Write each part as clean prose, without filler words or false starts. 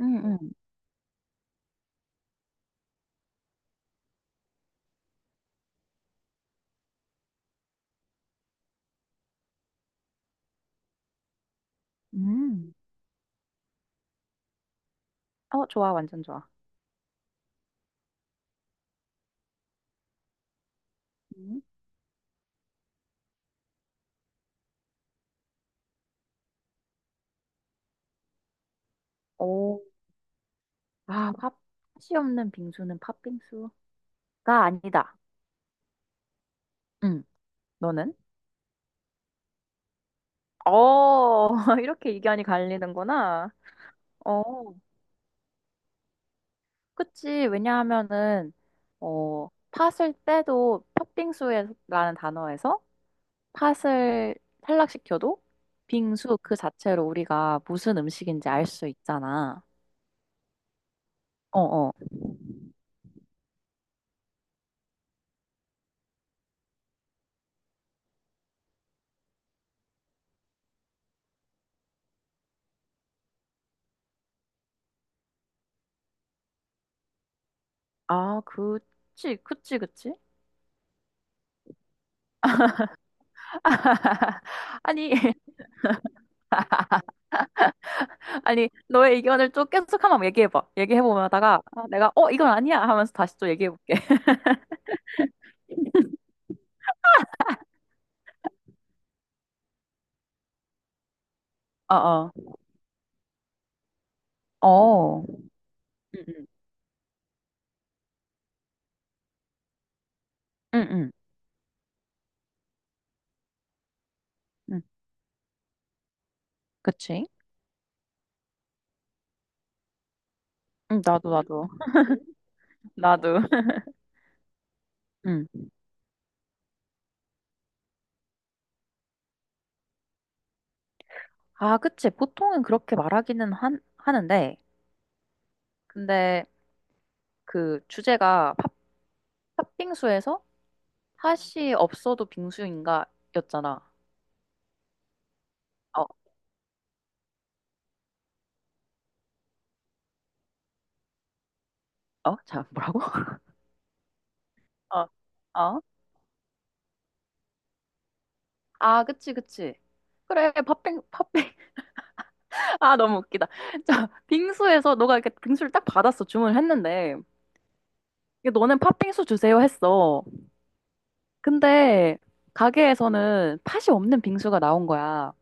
응, 응. 음. 어, 좋아, 완전 좋아. 음. 오, 아, 팥이 없는 빙수는 팥빙수가 아니다. 응, 너는? 어, 이렇게 의견이 갈리는구나. 어, 그치. 왜냐하면은, 팥을 떼도 팥빙수라는 단어에서 팥을 탈락시켜도 빙수 그 자체로 우리가 무슨 음식인지 알 수 있잖아. 어, 어. 아, 그치, 그치, 그치. 아니, 아니, 너의 의견을 좀 계속 한번 얘기해봐. 얘기해보다가 이건 아니야 하면서 다시 또 얘기해볼게. 어, 어. 어, 응, 응, 응, 응, 응. 그치? 응, 나도, 나도. 나도. 응. 아, 그치. 보통은 그렇게 말하기는 하는데, 근데 그 주제가 팥빙수에서 팥이 없어도 빙수인가 였잖아. 어, 어? 자, 뭐라고? 어, 어? 아, 그치, 그치. 그래, 팥빙. 아, 너무 웃기다. 자, 빙수에서 너가 이렇게 빙수를 딱 받았어. 주문을 했는데. 이게 너는 팥빙수 주세요 했어. 근데 가게에서는 팥이 없는 빙수가 나온 거야.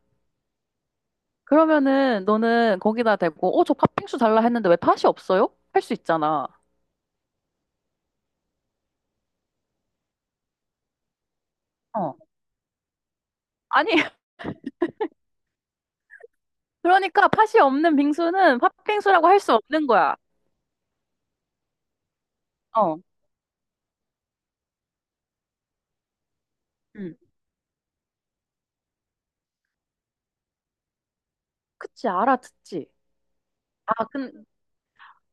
그러면은 너는 거기다 대고, 저 팥빙수 달라 했는데 왜 팥이 없어요? 할 수 있잖아. 어. 아니, 그러니까 팥이 없는 빙수는 팥빙수라고 할 수 없는 거야. 어. 응. 그치, 알아듣지. 아, 근,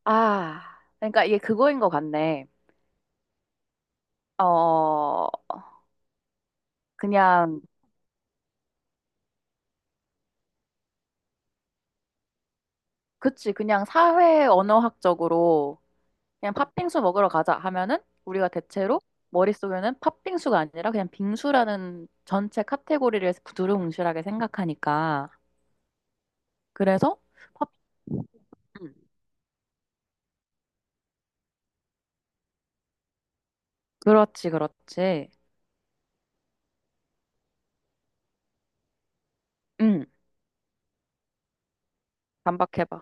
아. 그러니까 이게 그거인 것 같네. 어, 그냥 그냥 사회 언어학적으로 그냥 팥빙수 먹으러 가자 하면은 우리가 대체로 머릿속에는 팥빙수가 아니라 그냥 빙수라는 전체 카테고리를 두루뭉실하게 생각하니까. 그래서 팥- 음, 그렇지, 그렇지. 음, 반박해봐.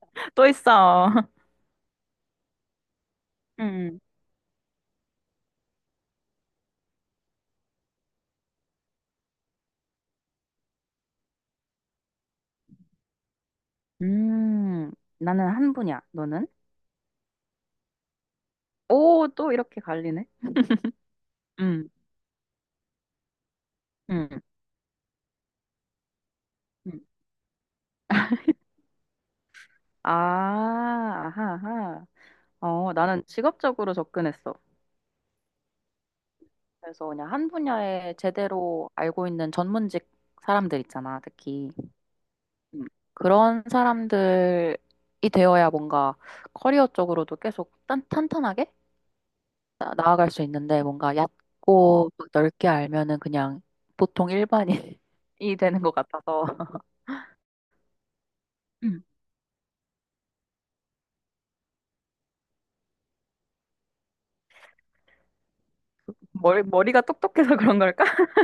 또 있어. 음, 음, 나는 한 분야. 너는? 오, 또 이렇게 갈리네. 음, 음, 음. 아, 아하, 아하. 어, 나는 직업적으로 접근했어. 그래서 그냥 한 분야에 제대로 알고 있는 전문직 사람들 있잖아, 특히. 음, 그런 사람들이 되어야 뭔가 커리어 쪽으로도 계속 탄탄하게 나아갈 수 있는데 뭔가 얕고 막 넓게 알면은 그냥 보통 일반인이 되는 것 같아서. 음, 머리가 똑똑해서 그런 걸까?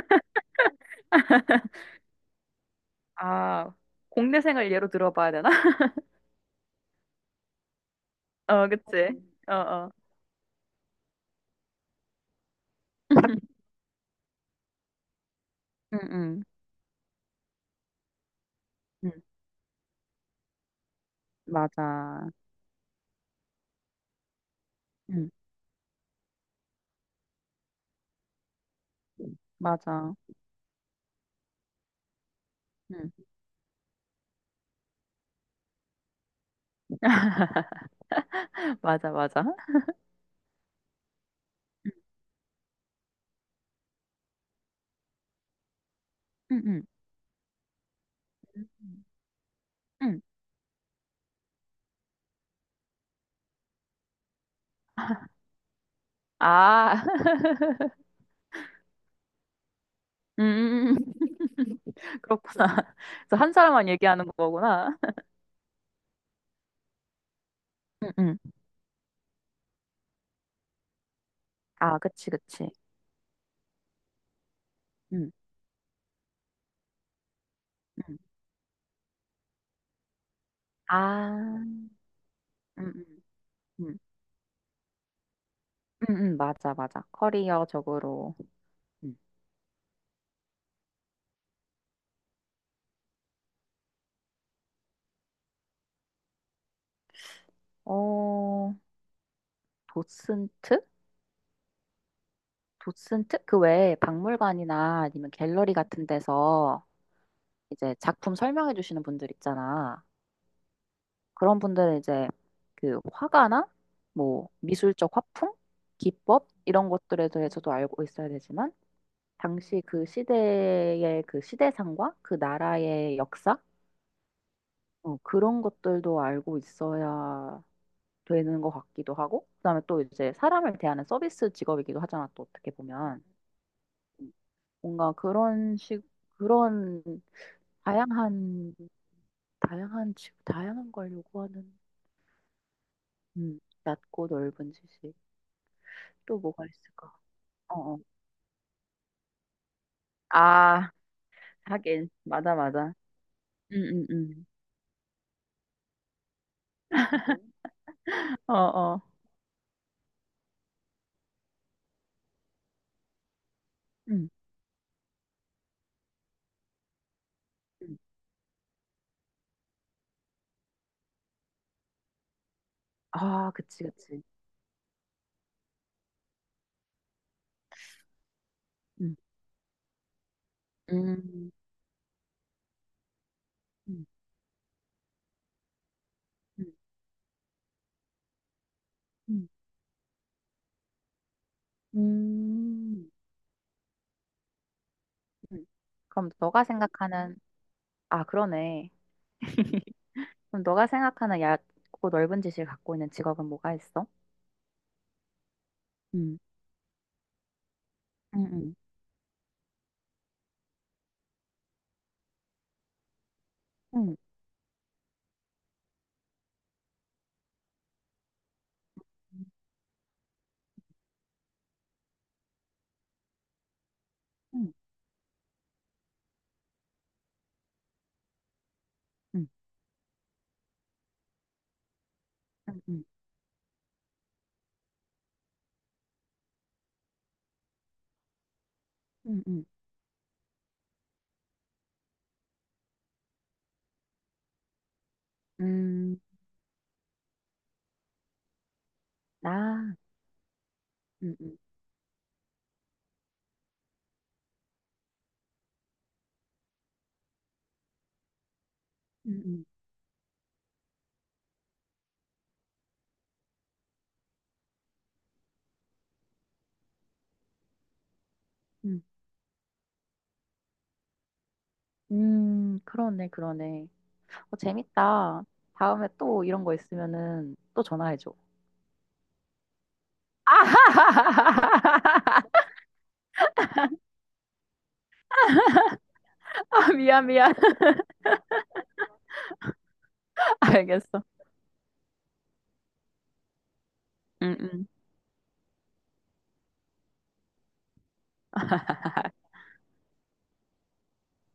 아, 공대생을 예로 들어봐야 되나? 어, 그치. 어, 어. 응, 응. 응, 맞아. 응, 맞아. 응. 맞아, 맞아. 응, 응, 응. 응. 아, 음, 그렇구나. 그래서 한 사람만 얘기하는 거구나. 응, 응. 아, 그치, 그치. 응, 응. 아, 응, 응, 응. 응, 응, 맞아, 맞아. 커리어적으로. 응. 어, 도슨트? 도슨트? 그 외에 박물관이나 아니면 갤러리 같은 데서 이제 작품 설명해 주시는 분들 있잖아. 그런 분들은 이제 그 화가나 뭐 미술적 화풍, 기법 이런 것들에 대해서도 알고 있어야 되지만 당시 그 시대의 그 시대상과 그 나라의 역사 어, 그런 것들도 알고 있어야 되는 것 같기도 하고 그다음에 또 이제 사람을 대하는 서비스 직업이기도 하잖아 또 어떻게 보면 뭔가 그런 식 그런 다양한 다양한 걸 요구하는 낮고 넓은 지식 또 뭐가 있을까? 어, 어. 아, 하긴. 맞아, 맞아. 응, 응, 응. 어, 어. 응, 응. 아, 그치, 그치. 응, 음, 음, 음, 음, 음. 음. 그럼 너가 생각하는, 아, 그러네. 그럼 너가 생각하는 얕고 넓은 지식을 갖고 있는 직업은 뭐가 있어? 응, 응, 응, 응, 응, 응, 응, 응, 응, 응. 음, 나, 응, 응, 응, 응, 응. 그러네, 그러네. 어, 재밌다. 다음에 또 이런 거 있으면은 또 전화해줘. 아, 미안, 미안. 알겠어. 응, 응.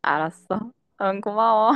알았어. 응, 고마워.